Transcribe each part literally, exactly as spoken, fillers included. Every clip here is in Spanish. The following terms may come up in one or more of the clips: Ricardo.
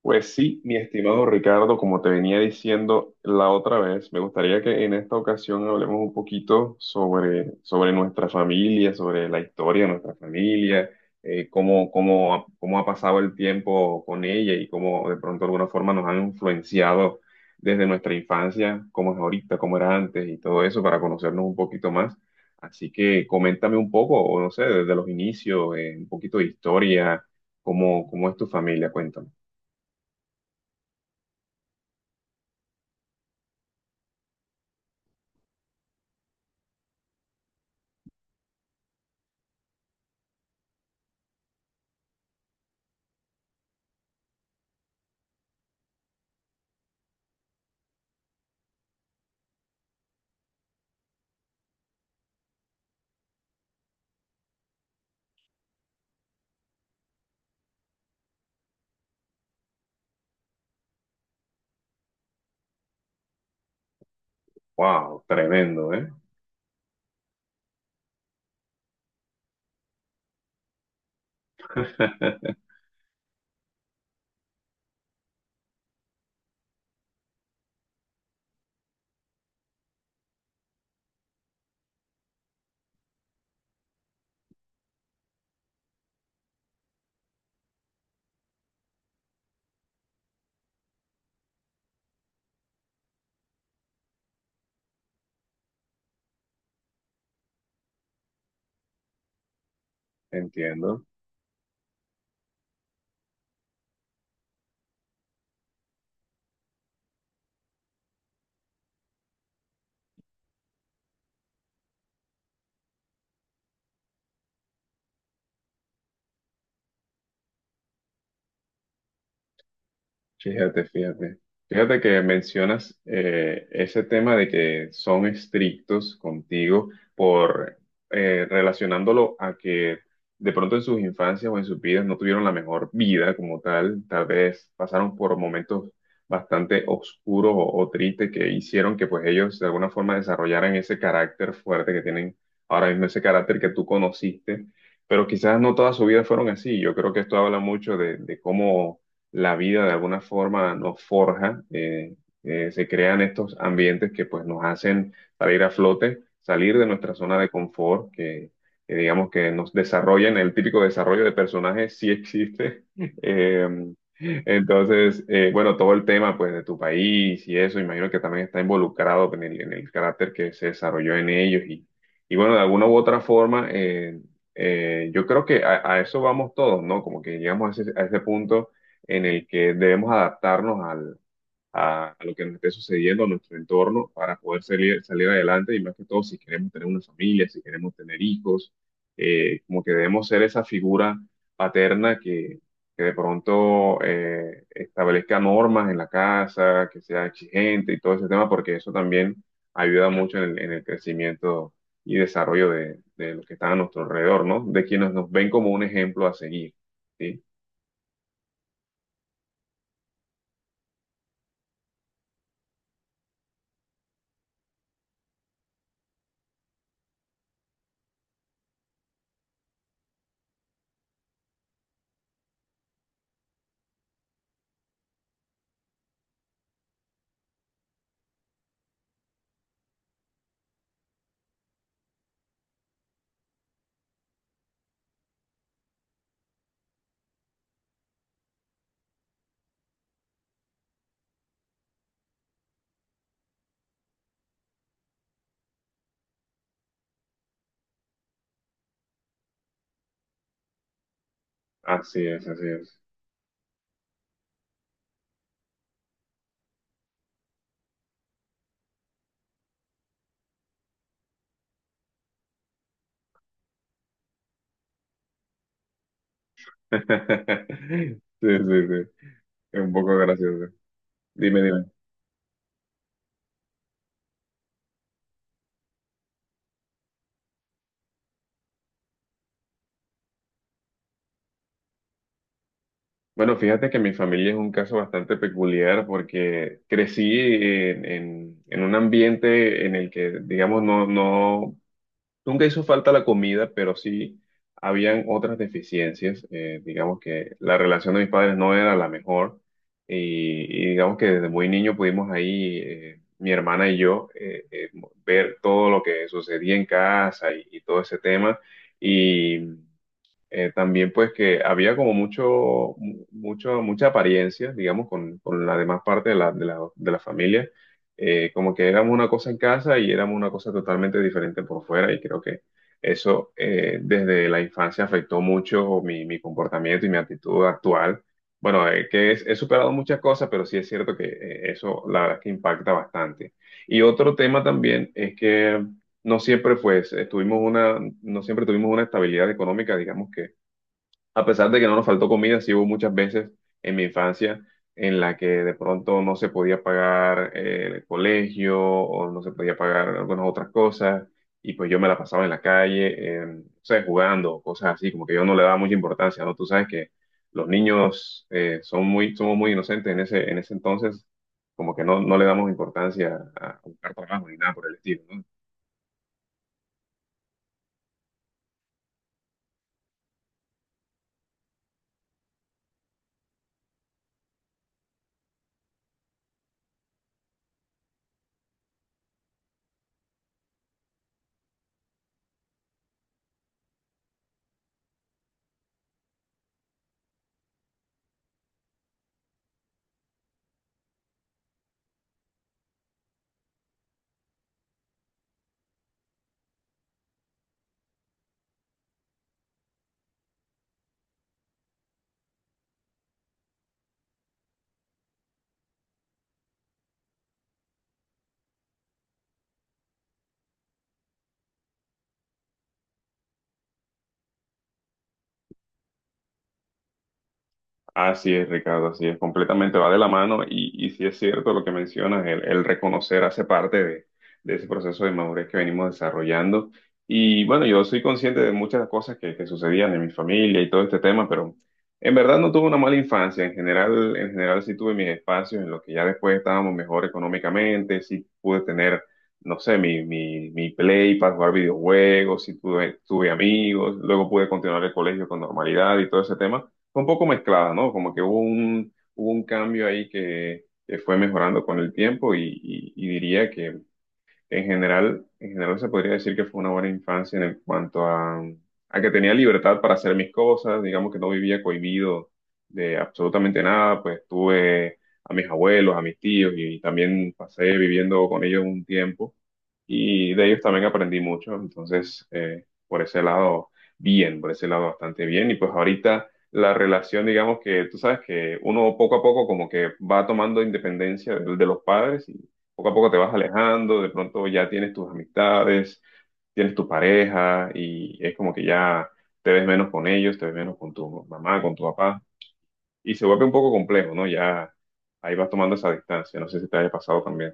Pues sí, mi estimado Ricardo, como te venía diciendo la otra vez, me gustaría que en esta ocasión hablemos un poquito sobre, sobre nuestra familia, sobre la historia de nuestra familia, eh, cómo, cómo, ha- cómo ha pasado el tiempo con ella y cómo de pronto de alguna forma nos han influenciado desde nuestra infancia, cómo es ahorita, cómo era antes y todo eso para conocernos un poquito más. Así que coméntame un poco, o no sé, desde los inicios, eh, un poquito de historia, cómo, cómo es tu familia, cuéntame. Wow, tremendo, ¿eh? Entiendo. Fíjate, fíjate. Fíjate que mencionas eh, ese tema de que son estrictos contigo por eh, relacionándolo a que de pronto en sus infancias o en sus vidas no tuvieron la mejor vida como tal. Tal vez pasaron por momentos bastante oscuros o, o tristes que hicieron que pues ellos de alguna forma desarrollaran ese carácter fuerte que tienen ahora mismo, ese carácter que tú conociste. Pero quizás no toda su vida fueron así. Yo creo que esto habla mucho de de cómo la vida de alguna forma nos forja, eh, eh, se crean estos ambientes que pues nos hacen salir a flote, salir de nuestra zona de confort, que, que digamos que nos desarrollan, el típico desarrollo de personajes sí existe. Eh, entonces, eh, bueno, todo el tema pues de tu país y eso, imagino que también está involucrado en el, en el carácter que se desarrolló en ellos y, y bueno, de alguna u otra forma, eh, eh, yo creo que a, a eso vamos todos, ¿no? Como que llegamos a ese, a ese punto en el que debemos adaptarnos al, a, a lo que nos esté sucediendo, a nuestro entorno, para poder salir, salir adelante y más que todo si queremos tener una familia, si queremos tener hijos, eh, como que debemos ser esa figura paterna que, que de pronto eh, establezca normas en la casa, que sea exigente y todo ese tema, porque eso también ayuda mucho en el, en el crecimiento y desarrollo de, de los que están a nuestro alrededor, ¿no? De quienes nos ven como un ejemplo a seguir, ¿sí? Así es, así es. Sí, sí, sí. Es un poco gracioso. Dime, dime. Bueno, fíjate que mi familia es un caso bastante peculiar porque crecí en, en- en un ambiente en el que, digamos, no, no nunca hizo falta la comida, pero sí habían otras deficiencias. eh, digamos que la relación de mis padres no era la mejor y, y digamos que desde muy niño pudimos ahí, eh, mi hermana y yo, eh, eh, ver todo lo que sucedía en casa y, y todo ese tema. Y eh, también pues que había como mucho, mu- mucho, mucha apariencia, digamos, con, con la demás parte de la, de la, de la familia. Eh, como que éramos una cosa en casa y éramos una cosa totalmente diferente por fuera y creo que eso eh, desde la infancia afectó mucho mi, mi comportamiento y mi actitud actual. Bueno, eh, que es- he superado muchas cosas, pero sí es cierto que eh, eso la verdad es que impacta bastante. Y otro tema también es que no siempre pues estuvimos una, no siempre tuvimos una estabilidad económica, digamos, a pesar de que no nos faltó comida, sí hubo muchas veces en mi infancia en la que de pronto no se podía pagar eh, el colegio o no se podía pagar algunas otras cosas y pues yo me la pasaba en la calle, eh, no sé, jugando, cosas así, como que yo no le daba mucha importancia, ¿no? Tú sabes que los niños eh, son muy, somos muy inocentes en ese, en ese entonces, como que no, no le damos importancia a a buscar trabajo ni nada por el estilo, ¿no? Así es, Ricardo, así es, completamente va de la mano y, y sí es cierto lo que mencionas, el, el reconocer hace parte de, de ese proceso de madurez que venimos desarrollando. Y bueno, yo soy consciente de muchas cosas que, que sucedían en mi familia y todo este tema, pero en verdad no tuve una mala infancia. En general, en general sí tuve mis espacios en los que ya después estábamos mejor económicamente, sí pude tener, no sé, mi, mi, mi play para jugar videojuegos, sí tuve, tuve amigos, luego pude continuar el colegio con normalidad y todo ese tema fue un poco mezclada, ¿no? Como que hubo un, hubo un cambio ahí que, que fue mejorando con el tiempo y, y- y diría que, en general, en general se podría decir que fue una buena infancia en el- cuanto a, a que tenía libertad para hacer mis cosas, digamos que no vivía cohibido de absolutamente nada, pues tuve a mis abuelos, a mis tíos y también pasé viviendo con ellos un tiempo y de ellos también aprendí mucho, entonces eh, por ese lado bien, por ese lado bastante bien y pues ahorita la relación, digamos que tú sabes que uno poco a poco como que va tomando independencia de, de los padres, poco a poco te vas alejando, de pronto ya tienes tus amistades, tienes tu pareja y es como que ya te ves menos con ellos, te ves menos con tu mamá, con tu papá y se vuelve un poco complejo, ¿no? Ya ahí vas tomando esa distancia, no sé si te haya pasado también.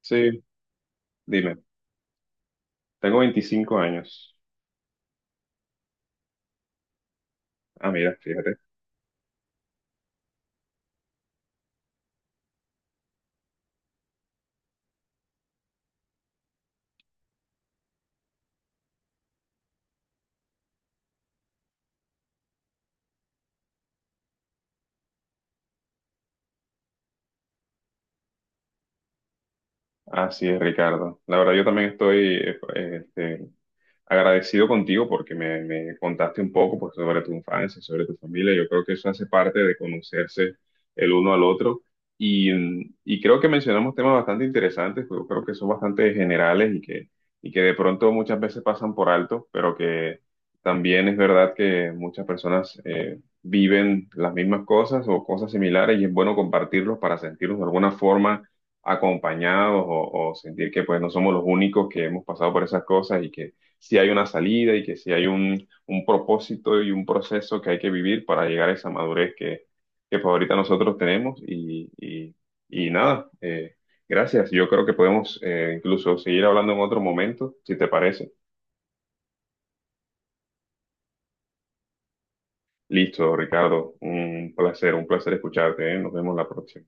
Sí, dime, tengo veinticinco años. Ah, mira, fíjate. Así es, Ricardo. La verdad, yo también estoy eh, este, agradecido contigo porque me, me contaste un poco pues, sobre tu infancia, sobre tu familia. Yo creo que eso hace parte de conocerse el uno al otro. Y, mm, y creo que mencionamos temas bastante interesantes, yo creo que son bastante generales y que, y que de pronto muchas veces pasan por alto, pero que también es verdad que muchas personas eh, viven las mismas cosas o cosas similares y es bueno compartirlos para sentirnos de alguna forma acompañados o, o sentir que pues no somos los únicos que hemos pasado por esas cosas y que sí hay una salida y que sí hay un, un propósito y un proceso que hay que vivir para llegar a esa madurez que, que pues ahorita nosotros tenemos y, y, y nada, eh, gracias. Yo creo que podemos eh, incluso seguir hablando en otro momento, si te parece. Listo, Ricardo, un placer, un placer escucharte, ¿eh? Nos vemos la próxima.